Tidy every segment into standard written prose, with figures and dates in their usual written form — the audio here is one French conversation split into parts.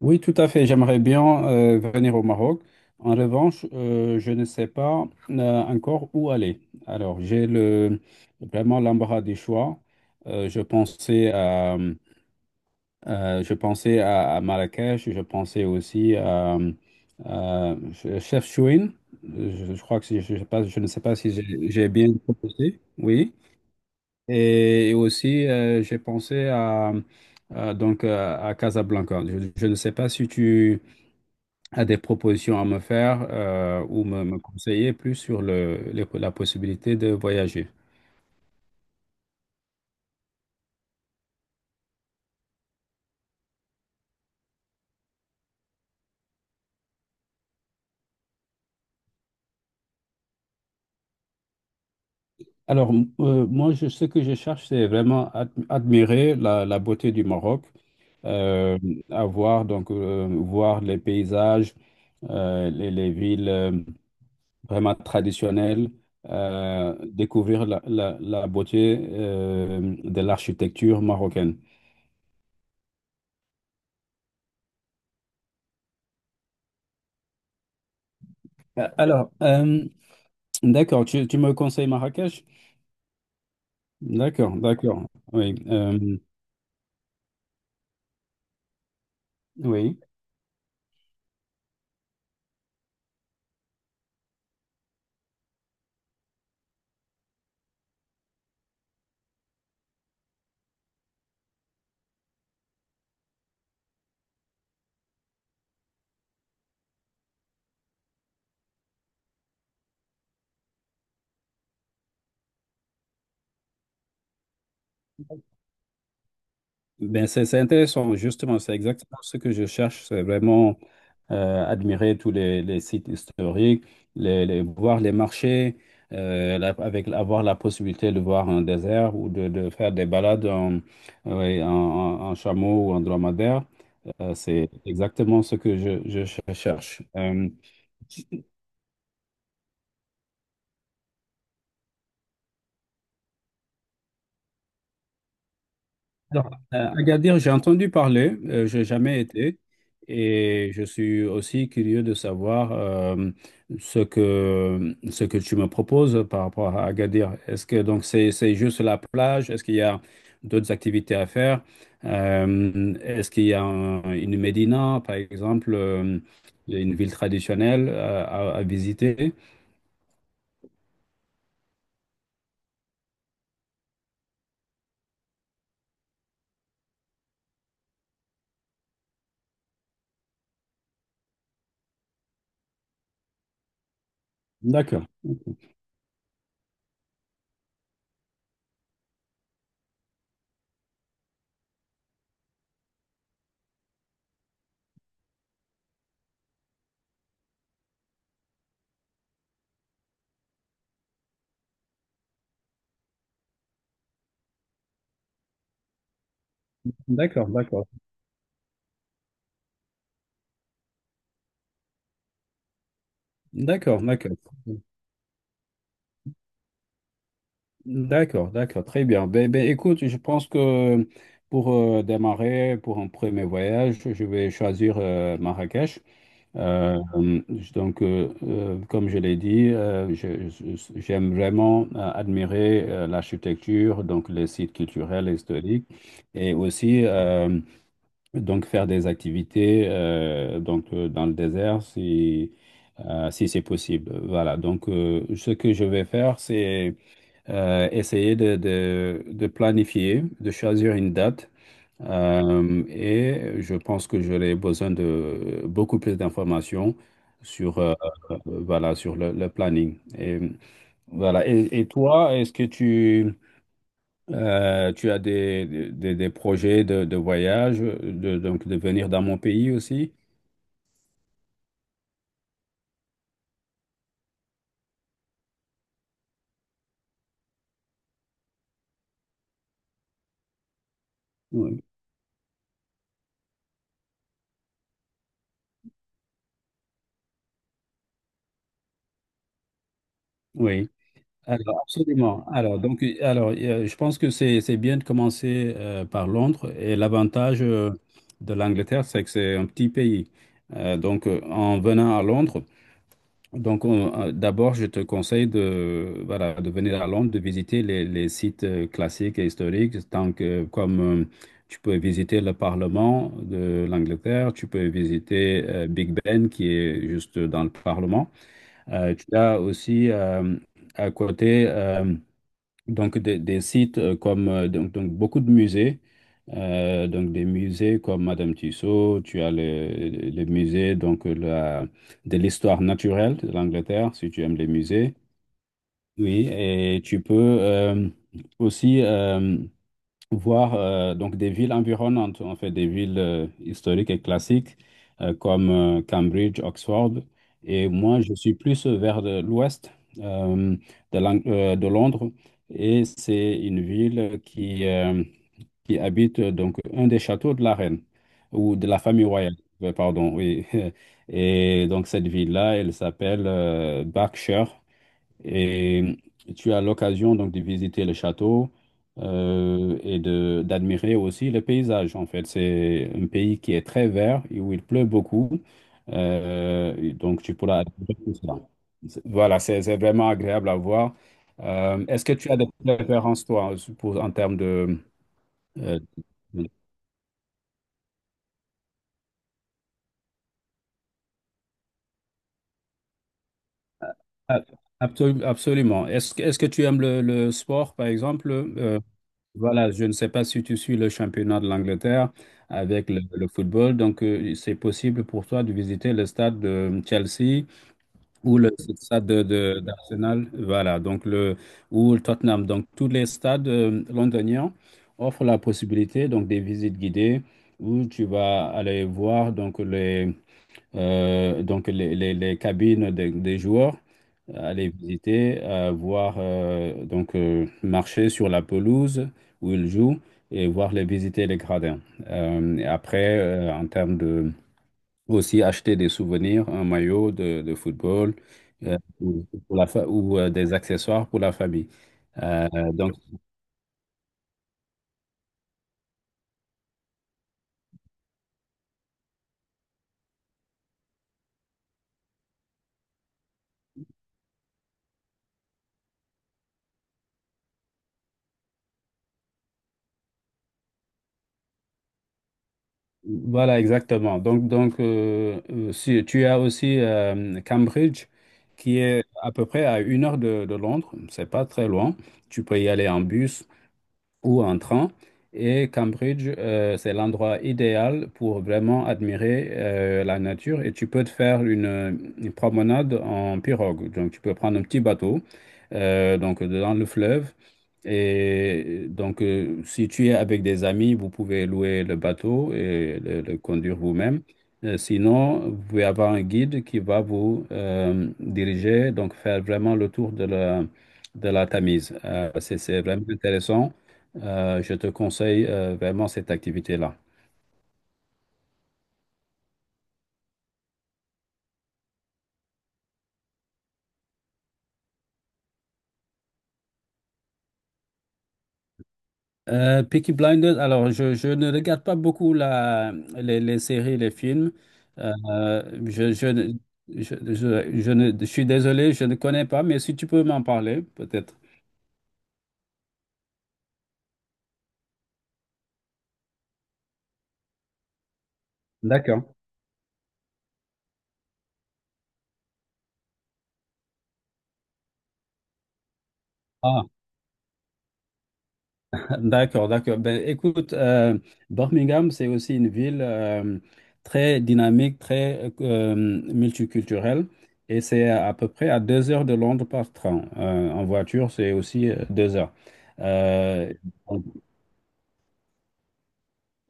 Oui, tout à fait. J'aimerais bien venir au Maroc. En revanche, je ne sais pas encore où aller. Alors, vraiment l'embarras des choix. Euh, je pensais à, je pensais à Marrakech. Je pensais aussi à Chefchaouen. Je crois que je ne sais pas si j'ai bien proposé. Oui. Et aussi, j'ai pensé à Casablanca. Je ne sais pas si tu a des propositions à me faire, ou me conseiller plus sur la possibilité de voyager. Alors, moi, ce que je cherche, c'est vraiment admirer la beauté du Maroc, euh, voir les paysages, les villes vraiment traditionnelles, découvrir la beauté de l'architecture marocaine. Alors, d'accord, tu me conseilles Marrakech? D'accord, d'accord. Oui, oui. Ben, c'est intéressant, justement, c'est exactement ce que je cherche. C'est vraiment admirer tous les sites historiques, voir les marchés, avec avoir la possibilité de voir un désert ou de faire des balades en, oui, en chameau ou en dromadaire. C'est exactement ce que je cherche. Alors, Agadir, j'ai entendu parler, j'ai jamais été, et je suis aussi curieux de savoir, ce que tu me proposes par rapport à Agadir. Est-ce que donc c'est juste la plage? Est-ce qu'il y a d'autres activités à faire? Est-ce qu'il y a une médina, par exemple, une ville traditionnelle à visiter? D'accord, d'accord, d'accord, d'accord, d'accord. D'accord, d'accord, très bien. Ben, ben, écoute, je pense que pour démarrer, pour un premier voyage, je vais choisir Marrakech. Euh, euh, Comme je l'ai dit, j'aime vraiment admirer l'architecture, donc les sites culturels et historiques, et aussi, donc faire des activités, dans le désert si c'est possible. Voilà. Donc, ce que je vais faire, c'est essayer de planifier, de choisir une date. Et je pense que j'aurai besoin de beaucoup plus d'informations sur, euh, voilà, sur le planning. Et voilà. Et toi, est-ce que tu as des projets de voyage, donc de venir dans mon pays aussi? Oui. Oui. Alors, absolument. Alors, donc, je pense que c'est bien de commencer par Londres. Et l'avantage, de l'Angleterre, c'est que c'est un petit pays. En venant à Londres, d'abord, je te conseille de venir à Londres, de visiter les sites classiques et historiques, tant que comme, tu peux visiter le Parlement de l'Angleterre, tu peux visiter, Big Ben qui est juste dans le Parlement. Tu as aussi, à côté, des sites, comme, beaucoup de musées, donc des musées comme Madame Tussaud. Tu as le musée, de l'histoire naturelle de l'Angleterre, si tu aimes les musées. Oui, et tu peux euh, aussi. Voir, donc des villes environnantes, en fait des villes historiques et classiques, comme Cambridge, Oxford. Et moi, je suis plus vers l'ouest euh, de Londres. Et c'est une ville qui habite un des châteaux de la reine ou de la famille royale. Pardon, oui. Et donc cette ville-là, elle s'appelle Berkshire. Et tu as l'occasion donc de visiter le château, et de d'admirer aussi le paysage. En fait, c'est un pays qui est très vert et où il pleut beaucoup. Et donc, tu pourras admirer tout cela. Voilà, c'est vraiment agréable à voir. Est-ce que tu as des préférences, toi, pour, en termes de euh, de- Ah, absolument. Est-ce que tu aimes le sport, par exemple? Voilà, je ne sais pas si tu suis le championnat de l'Angleterre avec le football. Donc, c'est possible pour toi de visiter le stade de, Chelsea ou le stade d'Arsenal. Voilà, donc ou le Tottenham. Donc, tous les stades londoniens offrent la possibilité donc des visites guidées où tu vas aller voir les cabines des joueurs, aller visiter, voir, marcher sur la pelouse où ils jouent et voir les visiter les gradins. Et après, en termes de aussi acheter des souvenirs, un maillot de football, ou pour la fa- ou, des accessoires pour la famille. Euh, donc Voilà, exactement. Donc si, tu as aussi Cambridge, qui est à peu près à 1 heure de Londres. C'est pas très loin. Tu peux y aller en bus ou en train. Et Cambridge, c'est l'endroit idéal pour vraiment admirer la nature. Et tu peux te faire une promenade en pirogue. Donc, tu peux prendre un petit bateau, donc dans le fleuve. Et donc, si tu es avec des amis, vous pouvez louer le bateau et le conduire vous-même. Sinon, vous pouvez avoir un guide qui va vous diriger, donc faire vraiment le tour de la Tamise. C'est vraiment intéressant. Je te conseille vraiment cette activité-là. Peaky Blinders, alors je ne regarde pas beaucoup les séries, les films. Euh, je, je, ne- je suis désolé, je ne connais pas, mais si tu peux m'en parler, peut-être. D'accord. Ah. D'accord, d'accord. Ben, écoute, Birmingham, c'est aussi une ville très dynamique, très multiculturelle, et c'est à peu près à 2 heures de Londres par train. En voiture, c'est aussi 2 heures. Euh, donc,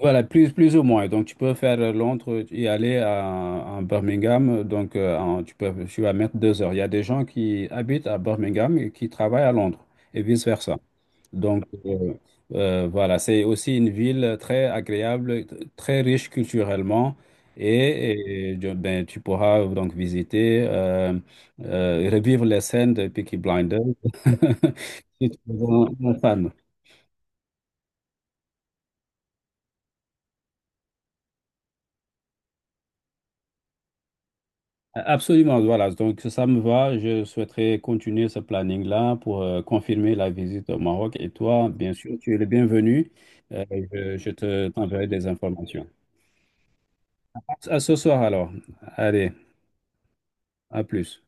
voilà, plus ou moins. Donc, tu peux faire, Londres et aller à Birmingham. Donc, tu vas mettre 2 heures. Il y a des gens qui habitent à Birmingham et qui travaillent à Londres, et vice-versa. Donc, voilà, c'est aussi une ville très agréable, très riche culturellement. Ben, tu pourras donc visiter, revivre les scènes de Peaky Blinders. Si tu es un fan. Absolument, voilà. Donc, ça me va. Je souhaiterais continuer ce planning-là pour confirmer la visite au Maroc. Et toi, bien sûr, tu es le bienvenu. Euh, je te t'enverrai des informations. À ce soir alors. Allez, à plus.